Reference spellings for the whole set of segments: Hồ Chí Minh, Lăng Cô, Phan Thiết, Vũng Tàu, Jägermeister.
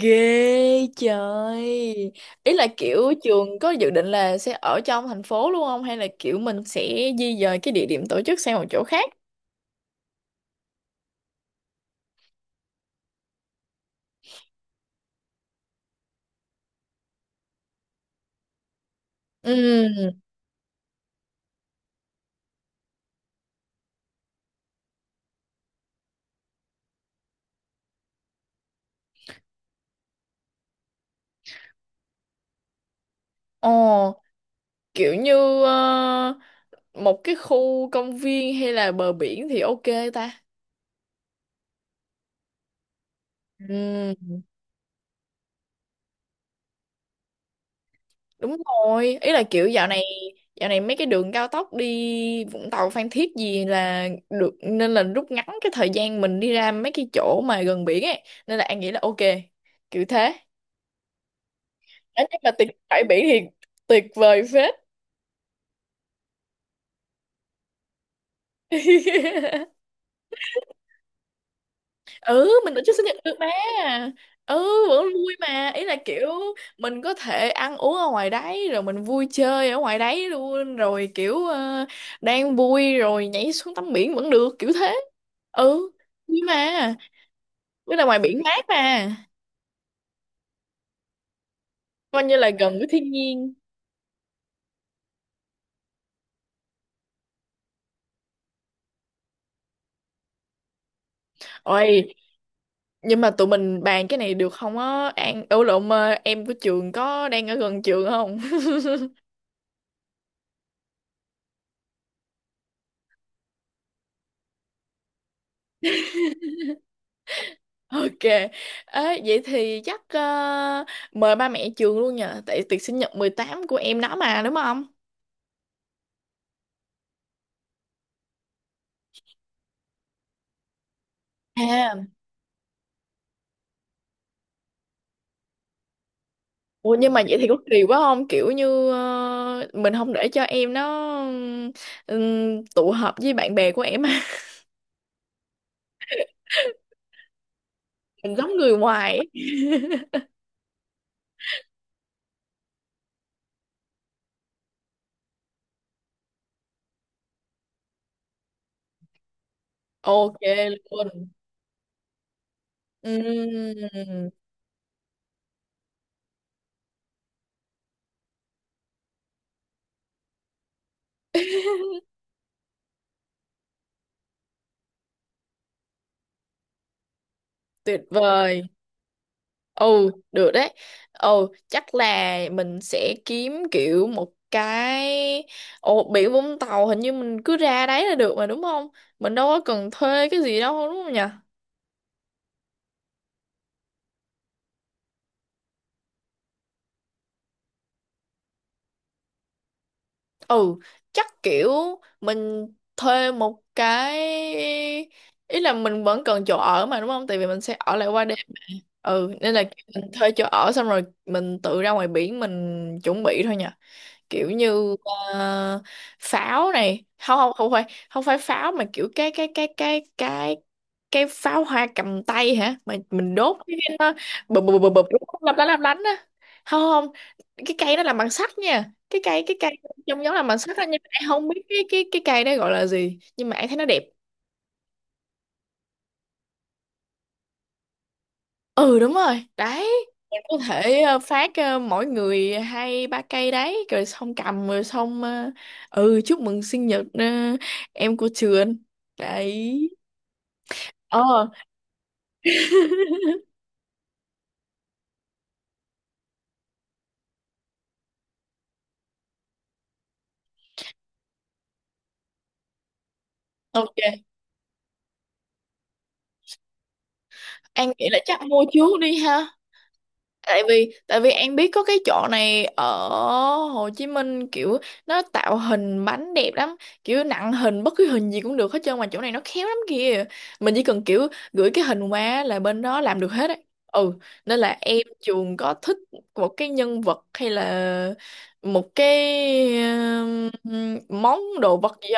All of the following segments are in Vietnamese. Ghê trời. Ý là kiểu trường có dự định là sẽ ở trong thành phố luôn không? Hay là kiểu mình sẽ di dời cái địa điểm tổ chức sang một chỗ khác? Ừ. Ồ, kiểu như một cái khu công viên hay là bờ biển thì ok ta. Ừ, đúng rồi. Ý là kiểu dạo này mấy cái đường cao tốc đi Vũng Tàu Phan Thiết gì là được nên là rút ngắn cái thời gian mình đi ra mấy cái chỗ mà gần biển ấy nên là An nghĩ là ok kiểu thế. Đấy, nhưng mà tiệc bãi biển thì tuyệt vời phết. Ừ, mình tổ chức sinh nhật được mà. Ừ, vẫn vui mà, ý là kiểu mình có thể ăn uống ở ngoài đấy rồi mình vui chơi ở ngoài đấy luôn rồi kiểu đang vui rồi nhảy xuống tắm biển vẫn được kiểu thế. Ừ, vui mà, với là ngoài biển mát mà. Coi như là gần với thiên nhiên. Ôi, nhưng mà tụi mình bàn cái này được không á An. Ừ, lộn, em của trường có đang ở gần trường không? Ok, ê, vậy thì chắc mời ba mẹ trường luôn nhờ, tại tiệc sinh nhật 18 của em nó mà đúng không? À, ủa nhưng mà vậy thì có kỳ quá không? Kiểu như mình không để cho em nó tụ họp với bạn bè của em. Mình giống người ngoài ấy. Ok luôn. Ừm, tuyệt vời. Ừ, được đấy. Ừ, chắc là mình sẽ kiếm kiểu một cái. Ồ, biển Vũng Tàu hình như mình cứ ra đấy là được mà đúng không? Mình đâu có cần thuê cái gì đâu đúng không nhỉ? Ừ, chắc kiểu mình thuê một cái, ý là mình vẫn cần chỗ ở mà đúng không? Tại vì mình sẽ ở lại qua đêm. Ừ, nên là mình thuê chỗ ở xong rồi mình tự ra ngoài biển mình chuẩn bị thôi nhỉ. Kiểu như ờ, pháo này, không không không phải không phải pháo mà kiểu cái cái pháo hoa cầm tay hả mà mình đốt cái nó bụp bụp bụp bụp lấp lánh á. Không, không, cái cây đó làm bằng sắt nha, cái cây trông giống làm bằng sắt á, nhưng mà em không biết cái cây đó gọi là gì nhưng mà em thấy nó đẹp. Ừ đúng rồi đấy. Mình có thể phát mỗi người hai ba cây đấy rồi xong cầm rồi xong ừ chúc mừng sinh nhật em của trường đấy. Ờ. Ok, anh nghĩ là chắc mua trước đi ha. Tại vì An biết có cái chỗ này ở Hồ Chí Minh kiểu nó tạo hình bánh đẹp lắm, kiểu nặng hình bất cứ hình gì cũng được hết trơn mà chỗ này nó khéo lắm kìa. Mình chỉ cần kiểu gửi cái hình qua là bên đó làm được hết ấy. Ừ, nên là em chuồng có thích một cái nhân vật hay là một cái món đồ vật gì.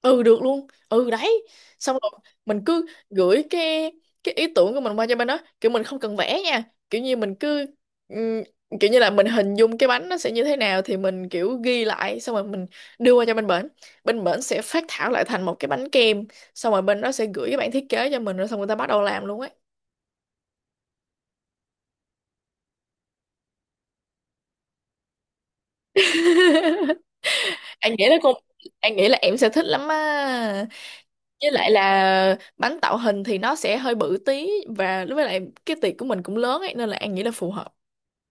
Ừ, được luôn. Ừ đấy. Xong rồi mình cứ gửi cái ý tưởng của mình qua cho bên đó kiểu mình không cần vẽ nha. Kiểu như mình cứ ừm, kiểu như là mình hình dung cái bánh nó sẽ như thế nào thì mình kiểu ghi lại xong rồi mình đưa qua cho bên bển. Bên bển sẽ phác thảo lại thành một cái bánh kem, xong rồi bên đó sẽ gửi cái bản thiết kế cho mình rồi xong người ta bắt đầu làm luôn ấy. anh nghĩ là con anh nghĩ là em sẽ thích lắm á. Với lại là bánh tạo hình thì nó sẽ hơi bự tí, và với lại cái tiệc của mình cũng lớn ấy nên là An nghĩ là phù hợp.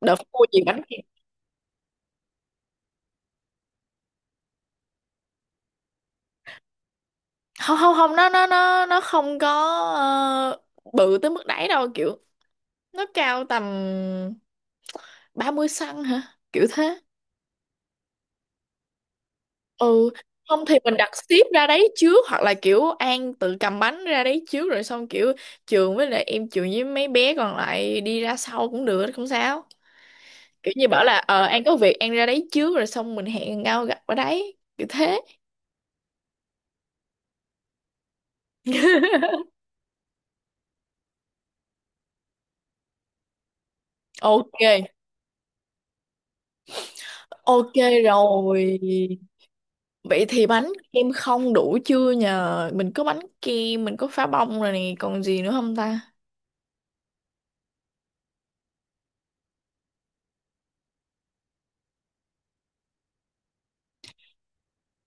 Đợt mua gì bánh kia. Không, không, không, nó không có ờ, bự tới mức đấy đâu kiểu. Nó cao tầm 30 xăng hả, kiểu thế. Ừ, không thì mình đặt ship ra đấy trước hoặc là kiểu An tự cầm bánh ra đấy trước rồi xong kiểu Trường với lại em Trường với mấy bé còn lại đi ra sau cũng được, không sao. Kiểu như bảo là An có việc, An ra đấy trước rồi xong mình hẹn nhau gặp ở đấy kiểu thế. Ok, ok, rồi, vậy thì bánh kem không đủ chưa nhờ, mình có bánh kem, mình có phá bông rồi nè, còn gì nữa không ta?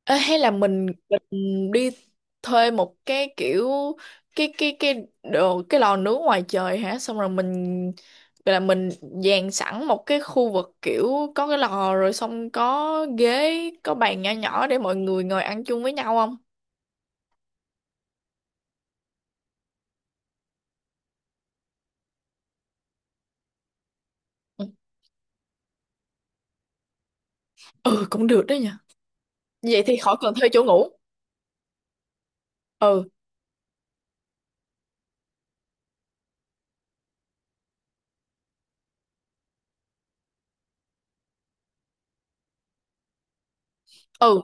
Ê, hay là mình đi thuê một cái kiểu cái đồ, cái lò nướng ngoài trời hả, xong rồi mình gọi là mình dàn sẵn một cái khu vực kiểu có cái lò rồi xong có ghế, có bàn nhỏ nhỏ để mọi người ngồi ăn chung với nhau không? Ừ. Ừ, cũng được đó nha, vậy thì khỏi cần thuê chỗ ngủ. Ừ, ừ,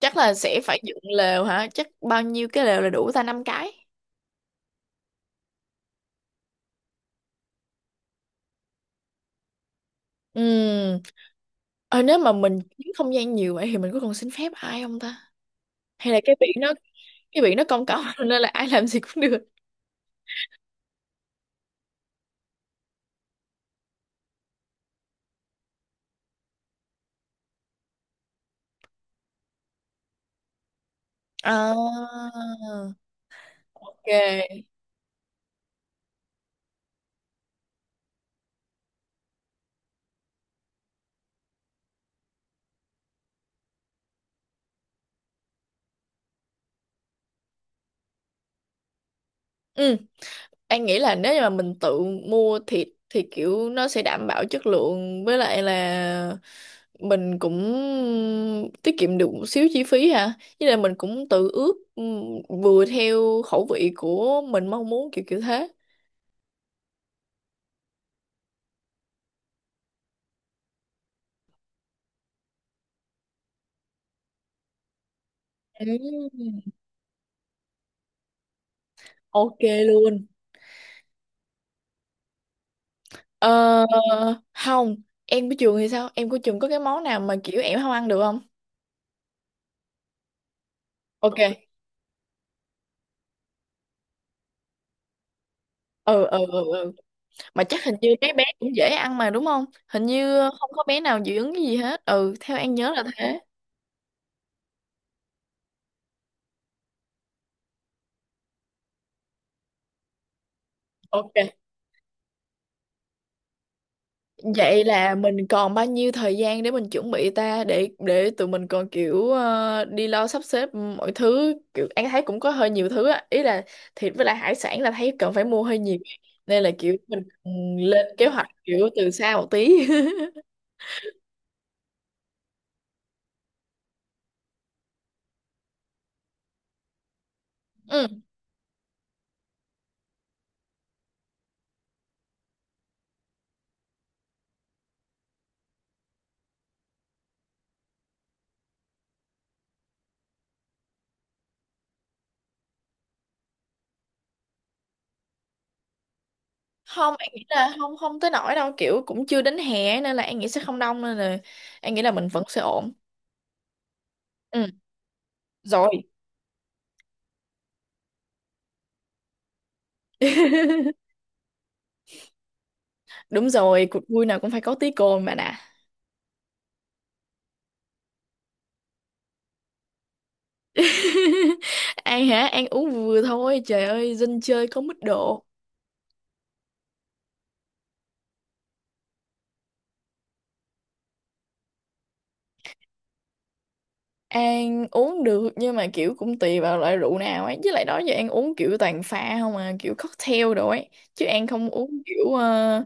chắc là sẽ phải dựng lều hả, chắc bao nhiêu cái lều là đủ ta, năm cái? Ừm, ờ, nếu mà mình chiếm không gian nhiều vậy thì mình có cần xin phép ai không ta? Hay là cái biển nó công cộng nên là ai làm gì cũng được. À, ok. Ừ, anh nghĩ là nếu như mà mình tự mua thịt thì kiểu nó sẽ đảm bảo chất lượng với lại là mình cũng tiết kiệm được một xíu chi phí hả? Với lại mình cũng tự ướp vừa theo khẩu vị của mình mong muốn kiểu kiểu thế. Ừ. Ok luôn. Ờ, không, em của trường thì sao? Em của trường có cái món nào mà kiểu em không ăn được không? Ok. Ừ, ừ, ừ, ừ. Mà chắc hình như mấy bé cũng dễ ăn mà đúng không? Hình như không có bé nào dị ứng cái gì hết. Ừ, theo em nhớ là thế. Ok. Vậy là mình còn bao nhiêu thời gian để mình chuẩn bị ta, để tụi mình còn kiểu đi lo sắp xếp mọi thứ, kiểu em thấy cũng có hơi nhiều thứ á, ý là thịt với lại hải sản là thấy cần phải mua hơi nhiều nên là kiểu mình ừ, lên kế hoạch kiểu từ xa một tí. Ừ. Không, anh nghĩ là không không tới nỗi đâu, kiểu cũng chưa đến hè nên là anh nghĩ sẽ không đông nên là anh nghĩ là mình vẫn sẽ ổn. Ừ, rồi. Đúng rồi, cuộc vui nào cũng phải có tí cồn mà nè. An hả? An uống vừa thôi, trời ơi, dân chơi có mức độ. An uống được nhưng mà kiểu cũng tùy vào loại rượu nào ấy, với lại đó giờ An uống kiểu toàn pha không à, kiểu cocktail đồ ấy, chứ An không uống kiểu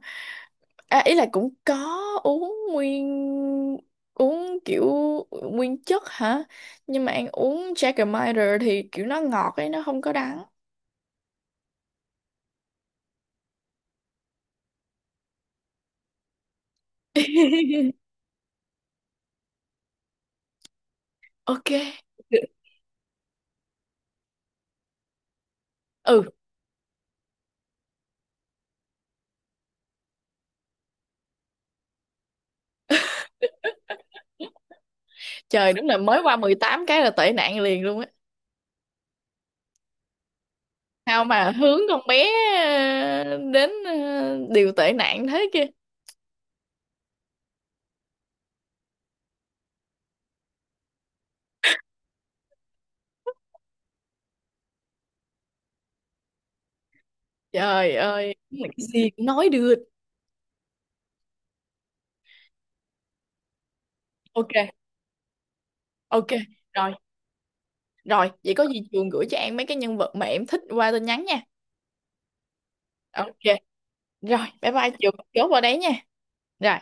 à, ý là cũng có uống nguyên uống kiểu nguyên chất hả? Nhưng mà ăn uống Jägermeister thì kiểu nó ngọt ấy, nó không có đắng. Ok. Ừ, trời đúng là mới qua 18 cái là tệ nạn liền luôn á. Sao mà hướng con bé đến điều tệ nạn thế kia. Trời ơi, đúng là cái gì cũng nói được. Ok, ok. Rồi, rồi, vậy có gì Trường gửi cho An mấy cái nhân vật mà em thích qua tin nhắn nha. Ok. Rồi, bye bye Trường, chốt vào đấy nha. Rồi,